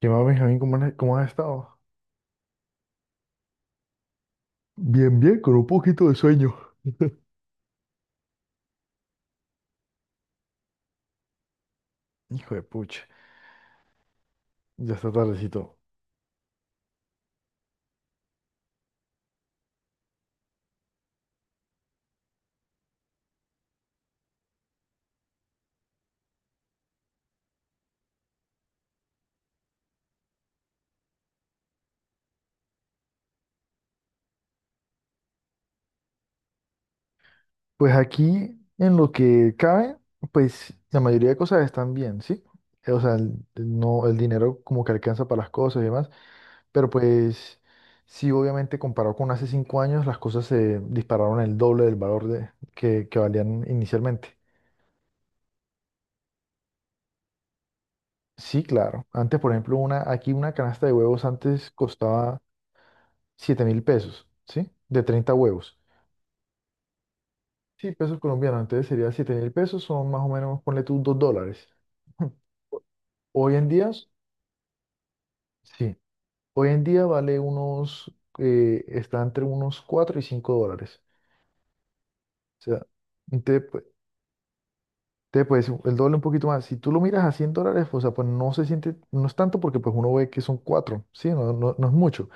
¿Qué más, Benjamín? ¿Cómo has estado? Bien, bien, con un poquito de sueño. Hijo de pucha, ya está tardecito. Pues aquí, en lo que cabe, pues la mayoría de cosas están bien, ¿sí? O sea, el, no, el dinero como que alcanza para las cosas y demás, pero pues sí, obviamente comparado con hace 5 años, las cosas se dispararon el doble del valor de, que valían inicialmente. Sí, claro. Antes, por ejemplo, una, aquí una canasta de huevos antes costaba 7.000 pesos, ¿sí? De 30 huevos. Sí, pesos colombianos, entonces sería 7.000 pesos, son más o menos, ponle tú $2. Hoy en día, sí, hoy en día vale unos, está entre unos 4 y 5 dólares. O sea, te, pu- pues el doble un poquito más. Si tú lo miras a $100, o sea, pues no se siente, no es tanto porque pues uno ve que son 4, sí, no, no, no es mucho,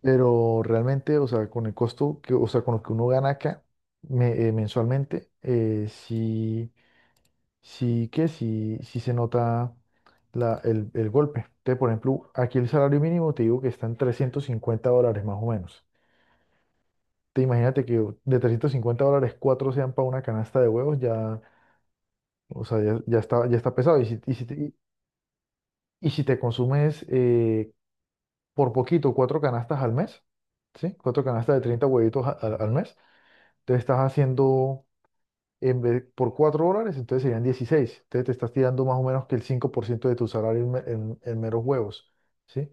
pero realmente, o sea, con el costo, que, o sea, con lo que uno gana acá mensualmente, sí. Sí que sí, sí se nota el golpe. Entonces, por ejemplo, aquí el salario mínimo te digo que está en $350 más o menos. Te imagínate que de $350, cuatro sean para una canasta de huevos, ya, o sea, ya, ya está pesado. Si te consumes por poquito cuatro canastas al mes, ¿sí? Cuatro canastas de 30 huevitos al mes, te estás haciendo... por $4, entonces serían 16. Entonces te estás tirando más o menos que el 5% de tu salario en meros huevos, ¿sí?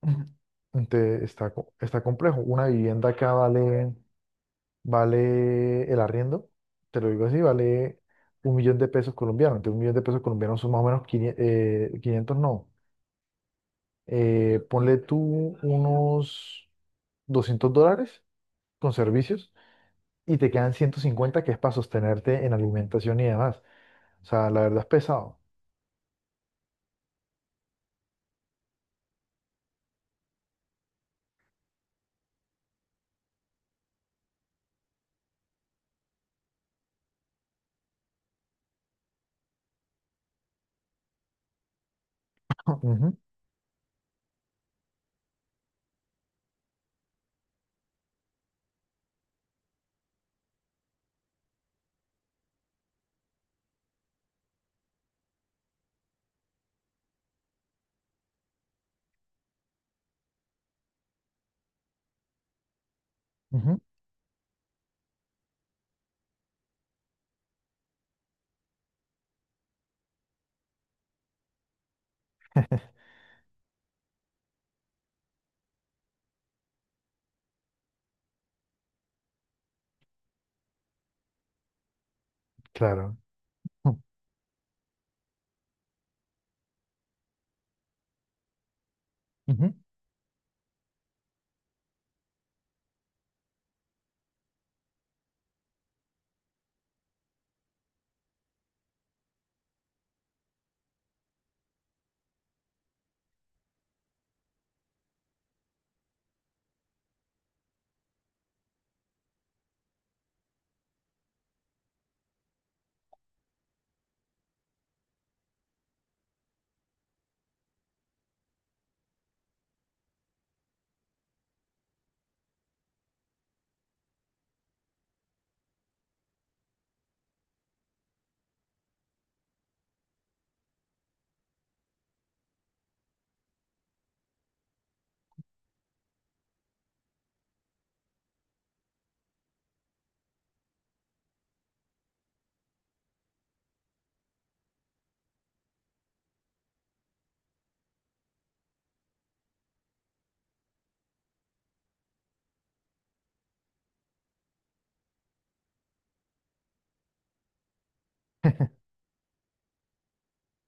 Ujú. Entonces está complejo. Una vivienda acá vale, el arriendo, te lo digo así, vale 1.000.000 de pesos colombianos. Entonces 1.000.000 de pesos colombianos son más o menos 500 500 no. Ponle tú unos $200 con servicios y te quedan 150 que es para sostenerte en alimentación y demás. O sea, la verdad es pesado. Ujú, ujú. Claro. Ujú.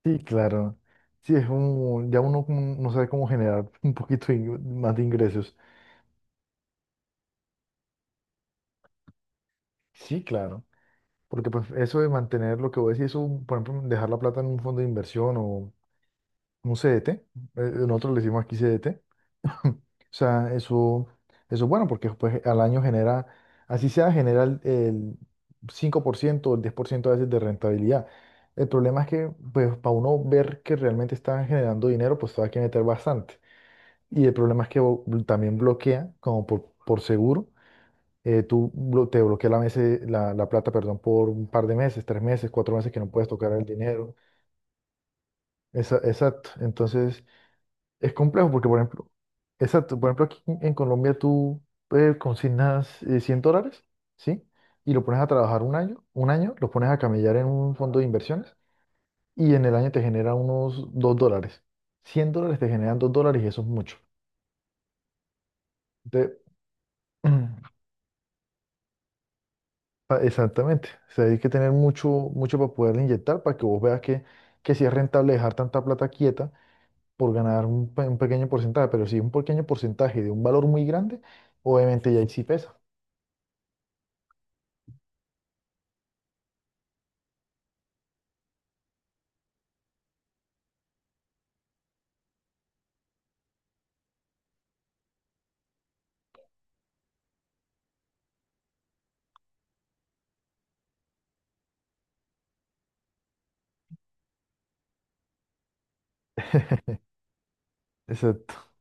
Sí, claro. Sí, ya uno como no sabe cómo generar un poquito más de ingresos. Sí, claro. Porque pues, eso de mantener lo que voy a decir, eso, por ejemplo, dejar la plata en un fondo de inversión o un CDT, eh, nosotros le decimos aquí CDT. O sea, eso es bueno porque pues, al año genera, así sea, genera el 5% o el 10% a veces de rentabilidad. El problema es que, pues, para uno ver que realmente están generando dinero, pues, hay que meter bastante. Y el problema es que también bloquea, como por seguro, te bloquea la plata, perdón, por un par de meses, tres meses, cuatro meses que no puedes tocar el dinero. Exacto. Entonces, es complejo porque, por ejemplo, exacto, por ejemplo, aquí en Colombia tú consignas $100, ¿sí? Y lo pones a trabajar un año, lo pones a camellar en un fondo de inversiones y en el año te genera unos $2. Cien dólares te generan $2 y eso es mucho. Entonces, exactamente, o sea, hay que tener mucho, mucho para poderle inyectar para que vos veas que sí es rentable dejar tanta plata quieta por ganar un pequeño porcentaje, pero si un pequeño porcentaje de un valor muy grande, obviamente ya ahí sí pesa. Exacto.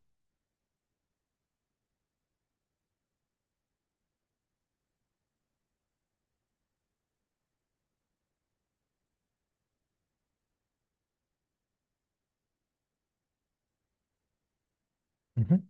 Ujú.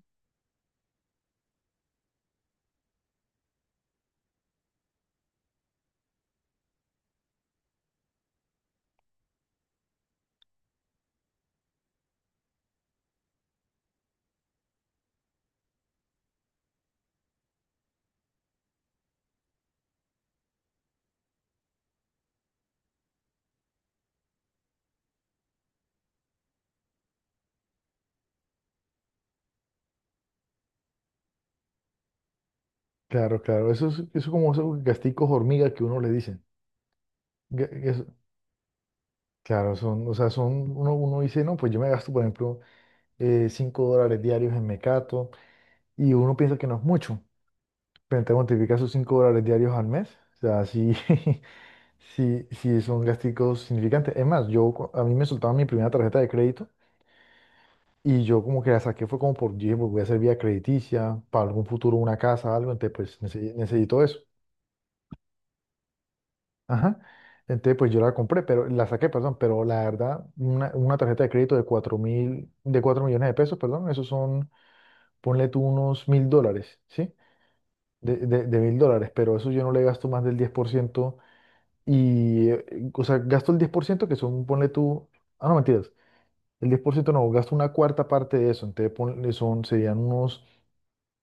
Claro, claro. Eso es, eso como esos gasticos hormiga que uno le dicen. Ga- gas- claro, son, o sea, son, uno dice, no, pues yo me gasto, por ejemplo, $5 diarios en Mecato, y uno piensa que no es mucho, pero entonces multiplica esos $5 diarios al mes. O sea, sí, sí, sí son gasticos significantes. Es más, a mí me soltaban mi primera tarjeta de crédito, y yo como que la saqué, fue como por, dije, pues voy a hacer vía crediticia, para algún futuro una casa, algo, entonces pues necesito eso. Ajá. Entonces, pues yo la compré, pero la saqué, perdón, pero la verdad, una tarjeta de crédito de 4 mil, de 4.000.000 de pesos, perdón, esos son, ponle tú unos $1.000, ¿sí? De $1.000, pero eso yo no le gasto más del 10% y, o sea, gasto el 10% que son, ponle tú, ah, no, mentiras, el 10% no, gasto una cuarta parte de eso, entonces ponle, son, serían unos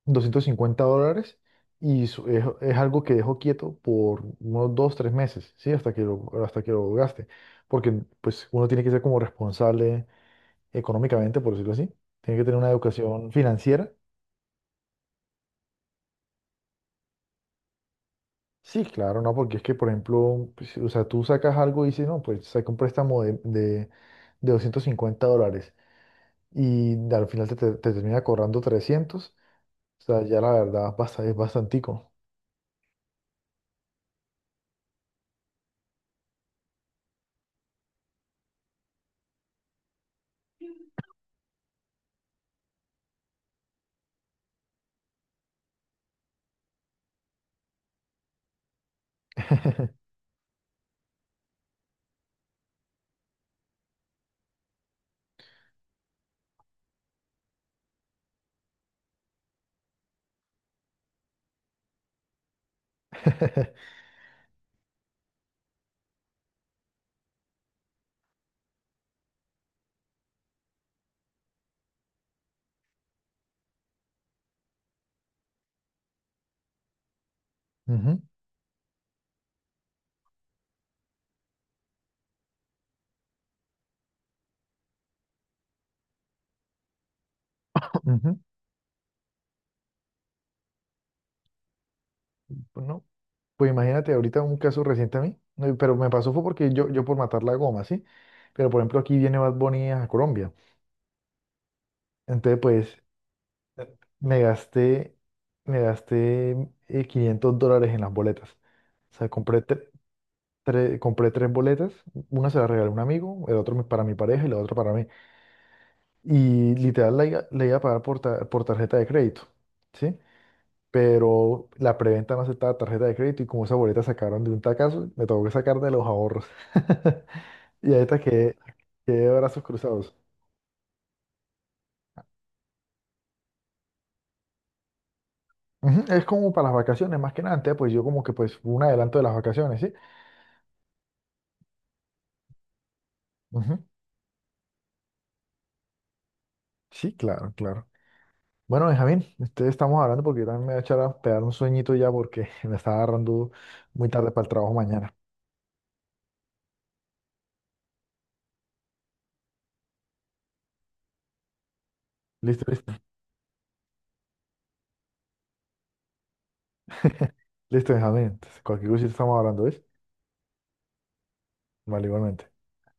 $250 y es algo que dejo quieto por unos dos, tres meses, ¿sí? Hasta que lo gaste. Porque pues uno tiene que ser como responsable económicamente, por decirlo así. Tiene que tener una educación financiera. Sí, claro, ¿no? Porque es que, por ejemplo, pues, o sea, tú sacas algo y dices, no, pues saca un préstamo de $250 y al final te termina cobrando 300. O sea, ya la verdad basta, es bastantico. Ujú, ujú. Pues, ¿no? Pues imagínate, ahorita un caso reciente a mí, no, pero me pasó fue porque yo por matar la goma, ¿sí? Pero por ejemplo aquí viene Bad Bunny a Colombia. Entonces pues me gasté, me gasté $500 en las boletas. O sea, compré tres boletas, una se la regalé a un amigo, el otro para mi pareja y la otra para mí. Y literal la iba a pagar por tarjeta de crédito, ¿sí? Pero la preventa no aceptaba tarjeta de crédito y como esas boletas sacaron de un tacazo, me tuvo que sacar de los ahorros. Y ahorita que de brazos cruzados. Ujú. Es como para las vacaciones, más que nada. Entonces, pues yo como que pues un adelanto de las vacaciones, ¿sí? Ujú. Sí, claro, claro. Bueno, Benjamín, ustedes estamos hablando porque yo también me voy a echar a pegar un sueñito ya porque me está agarrando muy tarde para el trabajo mañana. Listo, listo. Listo, Benjamín. Entonces, cualquier cosita estamos hablando, ¿ves? Vale, igualmente.